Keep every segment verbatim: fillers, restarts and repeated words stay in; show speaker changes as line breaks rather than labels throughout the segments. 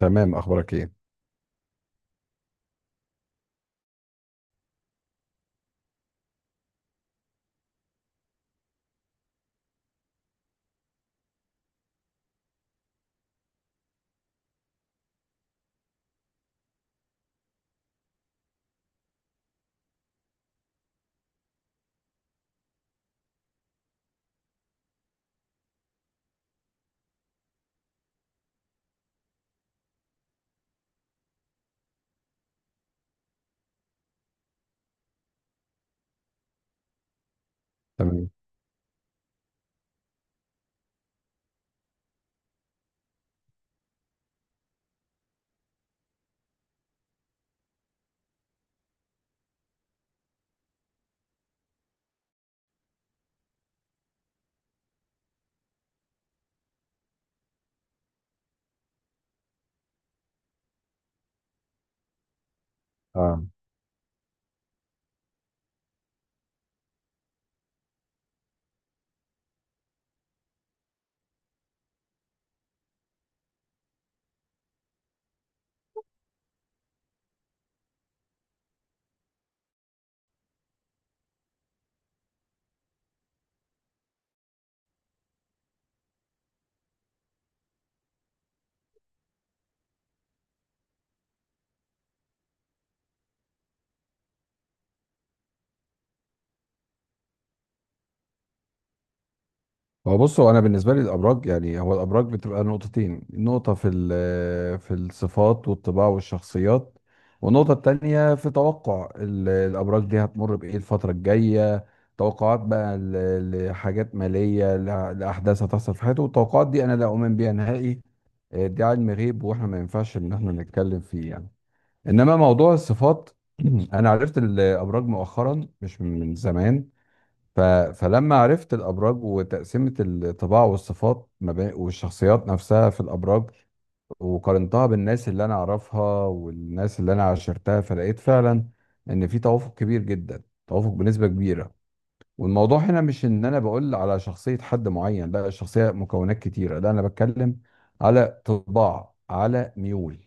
تمام، اخبارك ايه؟ تمام. اه هو بص هو انا بالنسبه لي الابراج، يعني هو الابراج بتبقى نقطتين: نقطه في ال- في الصفات والطباع والشخصيات، والنقطه التانية في توقع ال- الابراج دي هتمر بايه الفتره الجايه. توقعات بقى ل- لحاجات ماليه، ل- لاحداث هتحصل في حياته، والتوقعات دي انا لا اؤمن بيها نهائي. آه، دي علم غيب واحنا ما ينفعش ان احنا نتكلم فيه يعني. انما موضوع الصفات انا عرفت الابراج مؤخرا مش من زمان. ف... فلما عرفت الابراج وتقسيمه الطباع والصفات ما بين والشخصيات نفسها في الابراج، وقارنتها بالناس اللي انا اعرفها والناس اللي انا عاشرتها، فلقيت فعلا ان في توافق كبير جدا، توافق بنسبه كبيره. والموضوع هنا مش ان انا بقول على شخصيه حد معين، لا، الشخصيه مكونات كتيره، لا انا بتكلم على طباع، على ميول.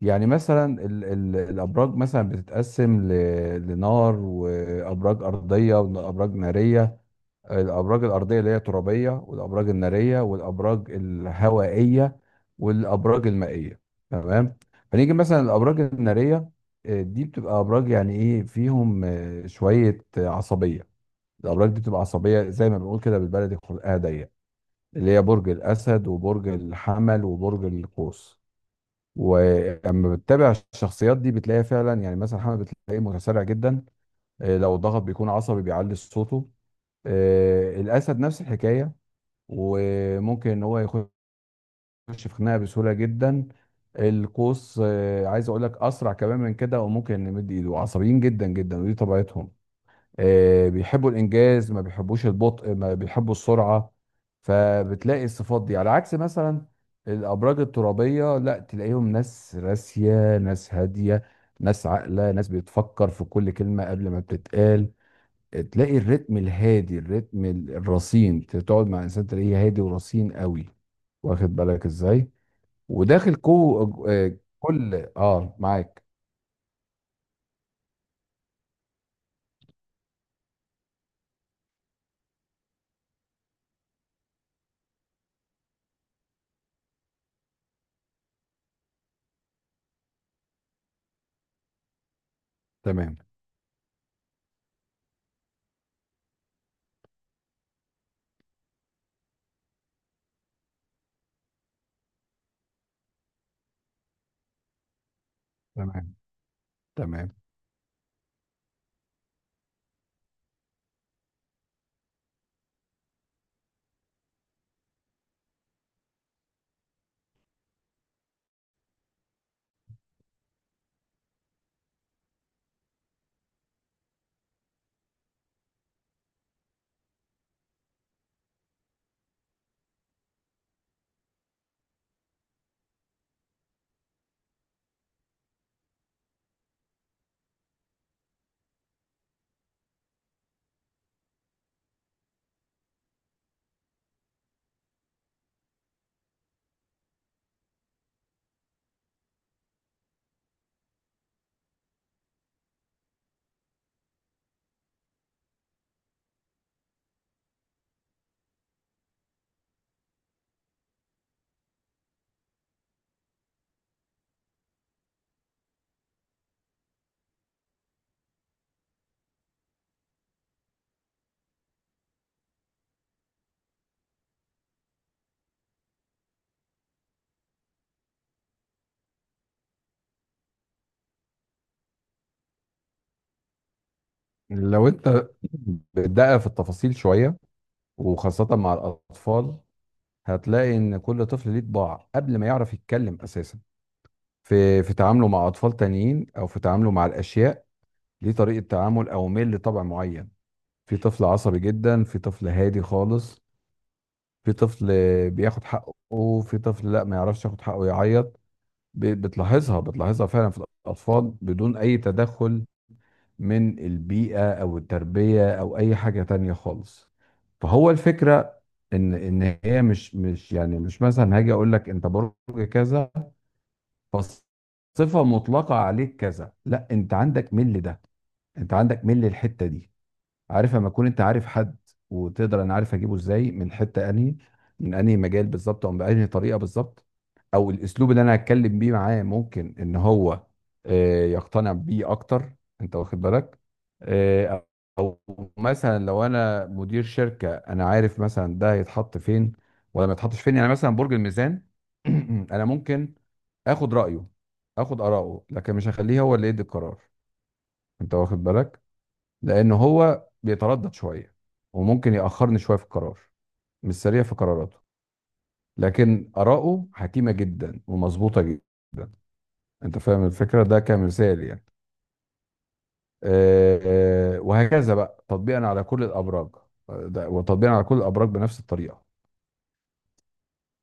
يعني مثلا ال ال الابراج مثلا بتتقسم ل... لنار وابراج ارضيه وابراج ناريه. الابراج الارضيه اللي هي ترابيه، والابراج الناريه، والابراج الهوائيه، والابراج المائيه. تمام. فنيجي مثلا الابراج الناريه، آه، دي بتبقى ابراج يعني ايه، فيهم آه، شويه آه، عصبيه. الابراج دي بتبقى عصبيه زي ما بنقول كده بالبلدي خلقها ضيق، اللي هي برج الاسد وبرج الحمل وبرج القوس. ولما بتتابع الشخصيات دي بتلاقيها فعلا. يعني مثلا الحمل بتلاقيه متسرع جدا، آه، لو ضغط بيكون عصبي بيعلي صوته. آه، الاسد نفس الحكايه، وممكن ان هو يخش في خناقه بسهوله جدا. القوس آه، عايز اقول لك اسرع كمان من كده، وممكن يمد ايده، عصبيين جدا جدا ودي طبيعتهم. آه، بيحبوا الانجاز، ما بيحبوش البطء، ما بيحبوا السرعه. فبتلاقي الصفات دي على عكس مثلا الابراج الترابيه، لا تلاقيهم ناس راسيه، ناس هاديه، ناس عاقله، ناس بتفكر في كل كلمه قبل ما بتتقال. تلاقي الريتم الهادي، الريتم الرصين، تقعد مع انسان تلاقيه هادي ورصين قوي. واخد بالك ازاي؟ وداخل كو آه، كل اه معاك. تمام. تمام. تمام. لو انت بتدقق في التفاصيل شويه، وخاصه مع الاطفال، هتلاقي ان كل طفل ليه طباع قبل ما يعرف يتكلم اساسا، في في تعامله مع اطفال تانيين او في تعامله مع الاشياء، ليه طريقه تعامل او ميل لطبع معين. في طفل عصبي جدا، في طفل هادي خالص، في طفل بياخد حقه، في طفل لا ما يعرفش ياخد حقه يعيط. ب- بتلاحظها، بتلاحظها فعلا في الأطفال بدون أي تدخل من البيئة أو التربية أو أي حاجة تانية خالص. فهو الفكرة إن إن هي مش مش يعني مش، مثلا هاجي أقول لك أنت برج كذا فصفة مطلقة عليك كذا، لا، أنت عندك ميل ده، أنت عندك ميل الحتة دي. عارف لما تكون انت عارف حد، وتقدر انا عارف اجيبه ازاي، من حته انهي، من انهي مجال بالظبط، او بانهي طريقه بالظبط، او الاسلوب اللي انا هتكلم بيه معاه ممكن ان هو آه، يقتنع بيه اكتر. انت واخد بالك؟ آه، او مثلا لو انا مدير شركه، انا عارف مثلا ده هيتحط فين ولا ما يتحطش فين. يعني مثلا برج الميزان انا ممكن اخد رايه، اخد اراءه، لكن مش هخليه هو اللي يدي القرار. انت واخد بالك؟ لان هو بيتردد شويه وممكن ياخرني شويه في القرار، مش سريع في قراراته، لكن اراءه حكيمه جدا ومظبوطه جدا. انت فاهم الفكره، ده كمثال يعني. آه، آه، وهكذا بقى تطبيقا على كل الابراج. آه، ده- وتطبيقا على كل الابراج بنفس الطريقه.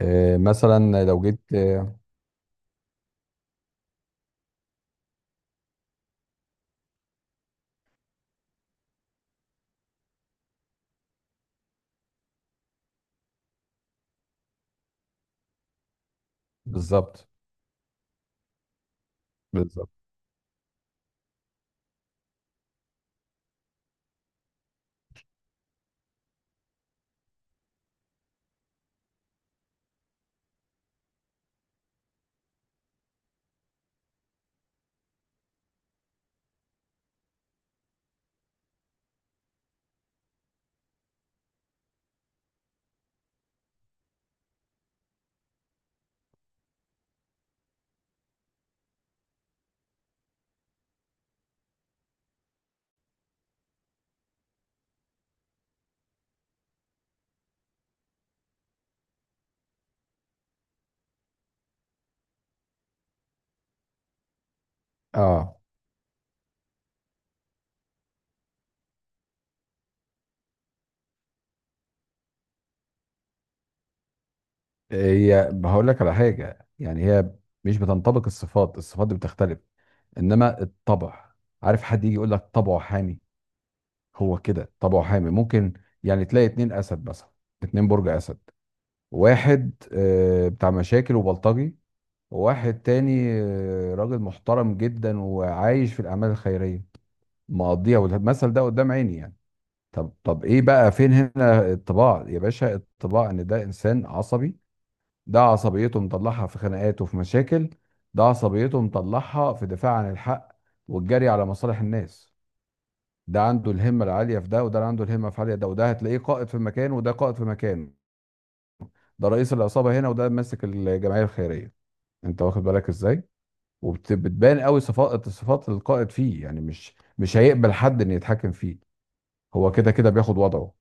آه، مثلا لو جيت آه، بالظبط. بالظبط. اه. هي هقول لك على حاجه، يعني هي مش بتنطبق الصفات، الصفات دي بتختلف، انما الطبع. عارف حد يجي يقول لك طبعه حامي، هو كده طبعه حامي ممكن. يعني تلاقي اتنين اسد مثلا، اتنين برج اسد، واحد آه، بتاع مشاكل وبلطجي، وواحد تاني آه، راجل محترم جدا وعايش في الاعمال الخيريه مقضيها، والمثل ده قدام عيني يعني. طب، طب ايه بقى؟ فين هنا الطباع يا باشا؟ الطباع ان ده انسان عصبي، ده عصبيته مطلعها في خناقات وفي مشاكل، ده عصبيته مطلعها في دفاع عن الحق والجري على مصالح الناس. ده عنده الهمه العاليه في ده، وده اللي عنده الهمه في عاليه ده، وده هتلاقيه قائد في مكان وده قائد في مكان، ده رئيس العصابه هنا وده ماسك الجمعيه الخيريه. انت واخد بالك ازاي؟ وبتبان قوي صفات، صفات القائد فيه، يعني مش مش هيقبل حد ان يتحكم فيه، هو كده كده بياخد وضعه.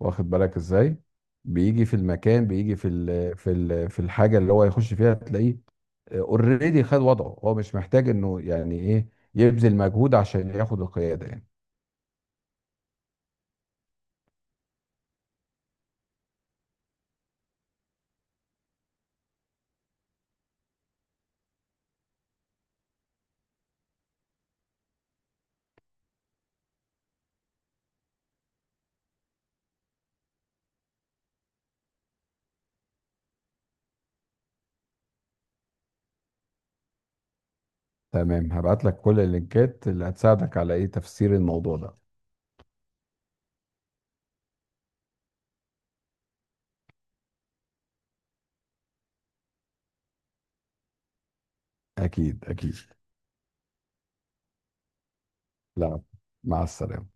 واخد بالك ازاي؟ بيجي في المكان، بيجي في ال في ال في الحاجه اللي هو يخش فيها تلاقيه اوريدي خد وضعه، هو مش محتاج انه يعني ايه يبذل مجهود عشان ياخد القياده يعني. تمام، هبعت لك كل اللينكات اللي هتساعدك على ايه تفسير الموضوع ده. اكيد، اكيد. لا، مع السلامة.